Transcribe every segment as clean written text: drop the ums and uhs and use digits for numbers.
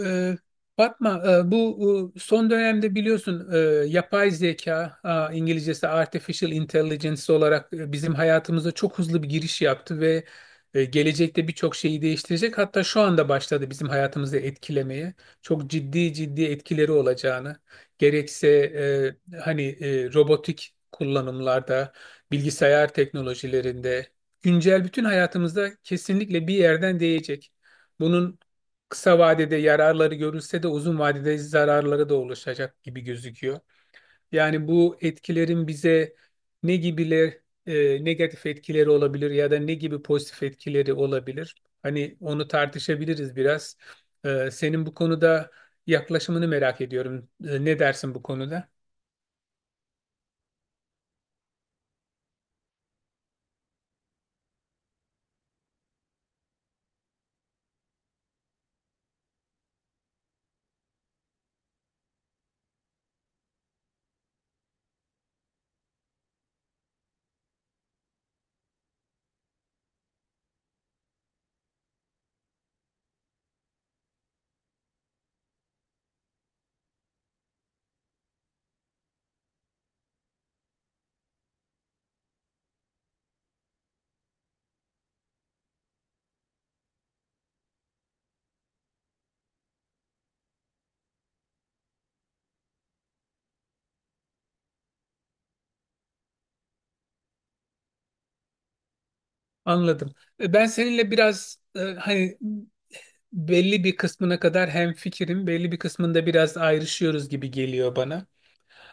Ee, Fatma, bu son dönemde biliyorsun, yapay zeka, İngilizcesi artificial intelligence olarak bizim hayatımıza çok hızlı bir giriş yaptı ve gelecekte birçok şeyi değiştirecek. Hatta şu anda başladı bizim hayatımızı etkilemeye. Çok ciddi ciddi etkileri olacağını, gerekse robotik kullanımlarda, bilgisayar teknolojilerinde, güncel bütün hayatımızda kesinlikle bir yerden değecek. Bunun kısa vadede yararları görülse de uzun vadede zararları da oluşacak gibi gözüküyor. Yani bu etkilerin bize ne gibiler, negatif etkileri olabilir ya da ne gibi pozitif etkileri olabilir? Hani onu tartışabiliriz biraz. Senin bu konuda yaklaşımını merak ediyorum. Ne dersin bu konuda? Anladım. Ben seninle biraz, hani belli bir kısmına kadar hem fikrim, belli bir kısmında biraz ayrışıyoruz gibi geliyor bana.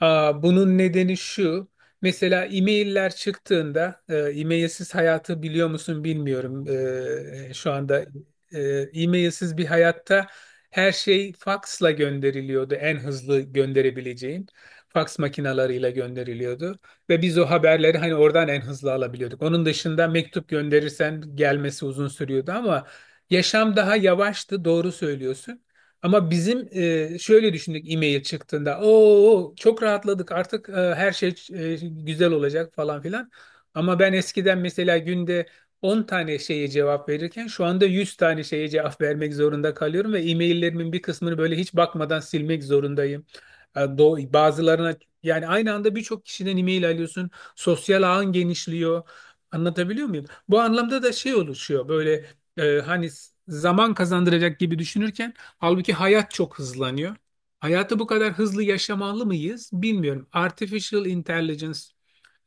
Bunun nedeni şu. Mesela e-mailler çıktığında, e-mailsiz hayatı biliyor musun bilmiyorum. Şu anda e, e-mailsiz bir hayatta her şey faksla gönderiliyordu. En hızlı gönderebileceğin faks makinalarıyla gönderiliyordu. Ve biz o haberleri hani oradan en hızlı alabiliyorduk. Onun dışında mektup gönderirsen gelmesi uzun sürüyordu ama yaşam daha yavaştı, doğru söylüyorsun. Ama bizim, şöyle düşündük e-mail çıktığında. Oo çok rahatladık artık, her şey güzel olacak falan filan. Ama ben eskiden mesela günde 10 tane şeye cevap verirken şu anda 100 tane şeye cevap vermek zorunda kalıyorum ve e-maillerimin bir kısmını böyle hiç bakmadan silmek zorundayım. Bazılarına yani aynı anda birçok kişiden e-mail alıyorsun. Sosyal ağın genişliyor. Anlatabiliyor muyum? Bu anlamda da şey oluşuyor böyle, hani zaman kazandıracak gibi düşünürken halbuki hayat çok hızlanıyor. Hayatı bu kadar hızlı yaşamalı mıyız bilmiyorum. Artificial intelligence,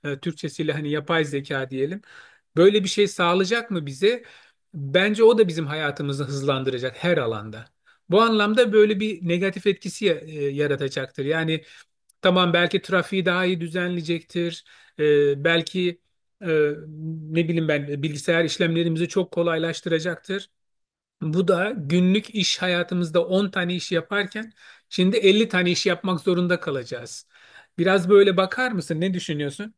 Türkçesiyle hani yapay zeka diyelim. Böyle bir şey sağlayacak mı bize? Bence o da bizim hayatımızı hızlandıracak her alanda. Bu anlamda böyle bir negatif etkisi yaratacaktır. Yani tamam belki trafiği daha iyi düzenleyecektir. Belki e, ne bileyim ben bilgisayar işlemlerimizi çok kolaylaştıracaktır. Bu da günlük iş hayatımızda 10 tane iş yaparken şimdi 50 tane iş yapmak zorunda kalacağız. Biraz böyle bakar mısın? Ne düşünüyorsun?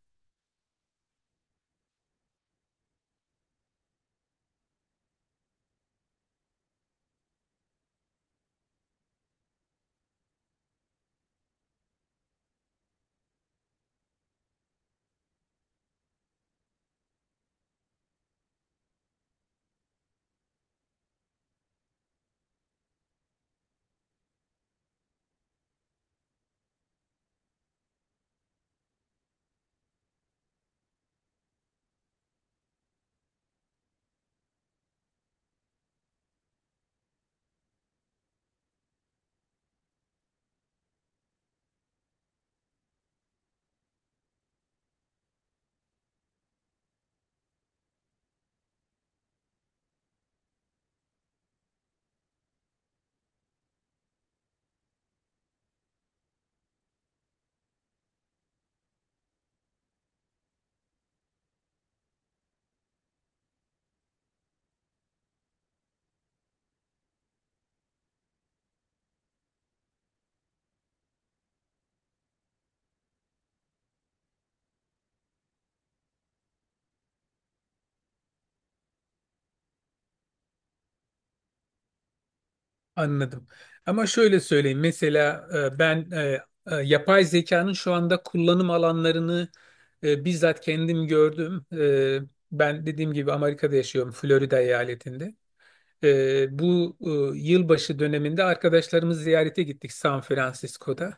Anladım. Ama şöyle söyleyeyim. Mesela e, ben e, yapay zekanın şu anda kullanım alanlarını bizzat kendim gördüm. Ben dediğim gibi Amerika'da yaşıyorum, Florida eyaletinde. Bu yılbaşı döneminde arkadaşlarımız ziyarete gittik San Francisco'da.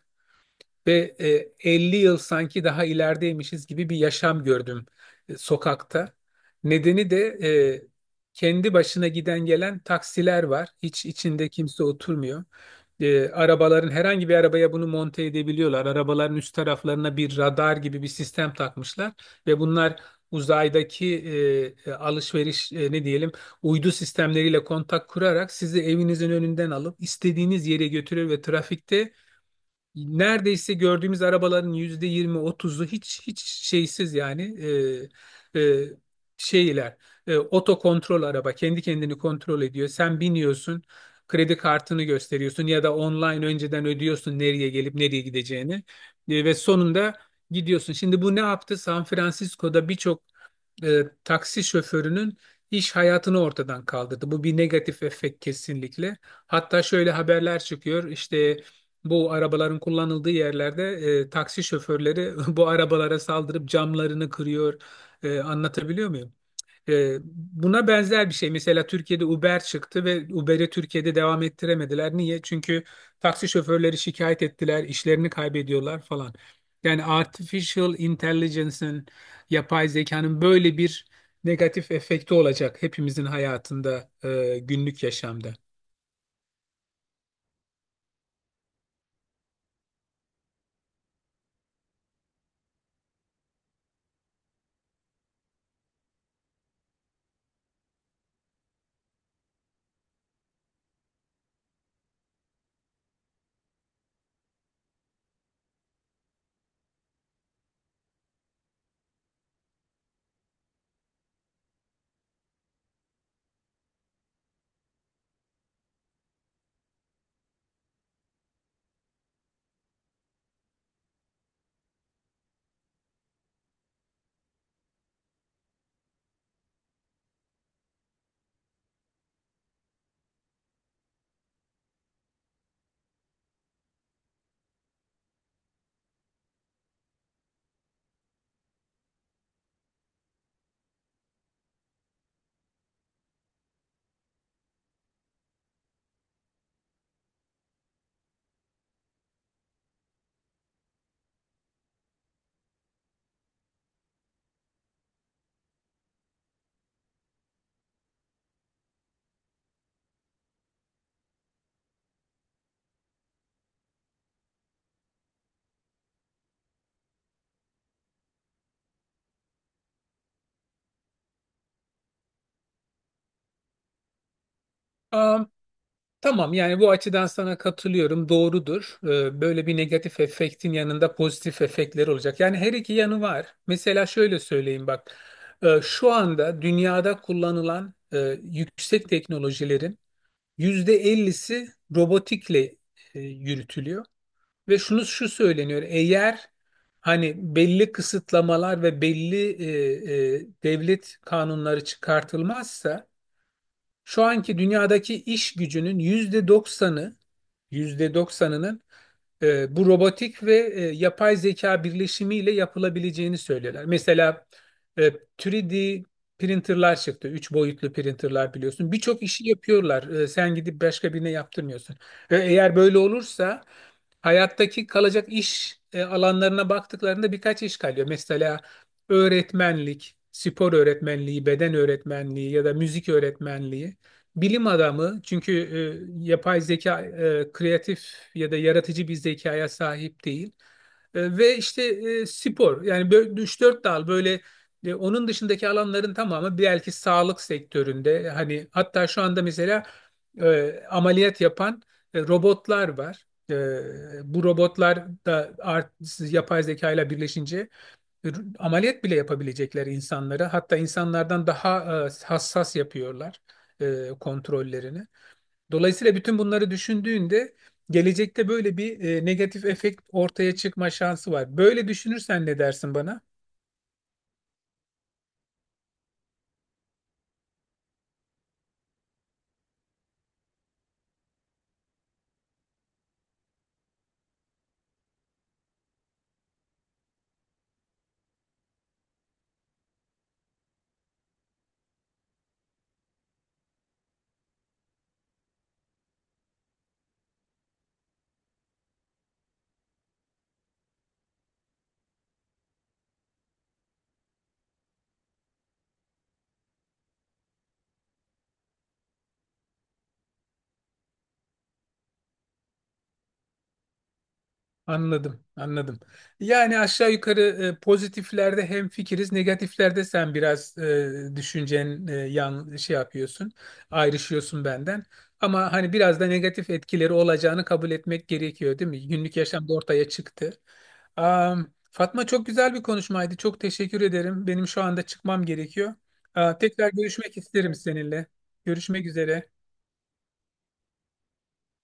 Ve 50 yıl sanki daha ilerideymişiz gibi bir yaşam gördüm sokakta. Nedeni de kendi başına giden gelen taksiler var. Hiç içinde kimse oturmuyor. Arabaların herhangi bir arabaya bunu monte edebiliyorlar. Arabaların üst taraflarına bir radar gibi bir sistem takmışlar ve bunlar uzaydaki alışveriş, ne diyelim, uydu sistemleriyle kontak kurarak sizi evinizin önünden alıp istediğiniz yere götürür ve trafikte neredeyse gördüğümüz arabaların %20-30'u hiç hiç şeysiz, yani e, e, şeyler, oto kontrol, araba kendi kendini kontrol ediyor. Sen biniyorsun, kredi kartını gösteriyorsun ya da online önceden ödüyorsun nereye gelip nereye gideceğini. Ve sonunda gidiyorsun. Şimdi bu ne yaptı? San Francisco'da birçok taksi şoförünün iş hayatını ortadan kaldırdı. Bu bir negatif efekt kesinlikle. Hatta şöyle haberler çıkıyor. İşte bu arabaların kullanıldığı yerlerde taksi şoförleri bu arabalara saldırıp camlarını kırıyor. Anlatabiliyor muyum? Buna benzer bir şey. Mesela Türkiye'de Uber çıktı ve Uber'i Türkiye'de devam ettiremediler. Niye? Çünkü taksi şoförleri şikayet ettiler, işlerini kaybediyorlar falan. Yani artificial intelligence'ın, yapay zekanın böyle bir negatif efekti olacak hepimizin hayatında, günlük yaşamda. Tamam yani bu açıdan sana katılıyorum, doğrudur. Böyle bir negatif efektin yanında pozitif efektler olacak. Yani her iki yanı var. Mesela şöyle söyleyeyim bak. Şu anda dünyada kullanılan yüksek teknolojilerin %50'si robotikle yürütülüyor. Ve şunu şu söyleniyor. Eğer hani belli kısıtlamalar ve belli devlet kanunları çıkartılmazsa şu anki dünyadaki iş gücünün yüzde doksanı, %90'ının bu robotik ve yapay zeka birleşimiyle yapılabileceğini söylüyorlar. Mesela e, 3D printerlar çıktı. Üç boyutlu printerlar biliyorsun. Birçok işi yapıyorlar. Sen gidip başka birine yaptırmıyorsun. Eğer böyle olursa hayattaki kalacak iş alanlarına baktıklarında birkaç iş kalıyor. Mesela öğretmenlik, spor öğretmenliği, beden öğretmenliği ya da müzik öğretmenliği. Bilim adamı, çünkü yapay zeka kreatif ya da yaratıcı bir zekaya sahip değil. Ve işte spor, yani böyle 3-4 dal böyle, onun dışındaki alanların tamamı belki sağlık sektöründe, hani hatta şu anda mesela ameliyat yapan robotlar var. Bu robotlar da yapay zeka ile birleşince ameliyat bile yapabilecekler insanları. Hatta insanlardan daha hassas yapıyorlar kontrollerini. Dolayısıyla bütün bunları düşündüğünde gelecekte böyle bir negatif efekt ortaya çıkma şansı var. Böyle düşünürsen ne dersin bana? Anladım, anladım. Yani aşağı yukarı pozitiflerde hem fikiriz, negatiflerde sen biraz, düşüncen yan şey yapıyorsun, ayrışıyorsun benden. Ama hani biraz da negatif etkileri olacağını kabul etmek gerekiyor, değil mi? Günlük yaşamda ortaya çıktı. Fatma, çok güzel bir konuşmaydı. Çok teşekkür ederim. Benim şu anda çıkmam gerekiyor. Tekrar görüşmek isterim seninle. Görüşmek üzere.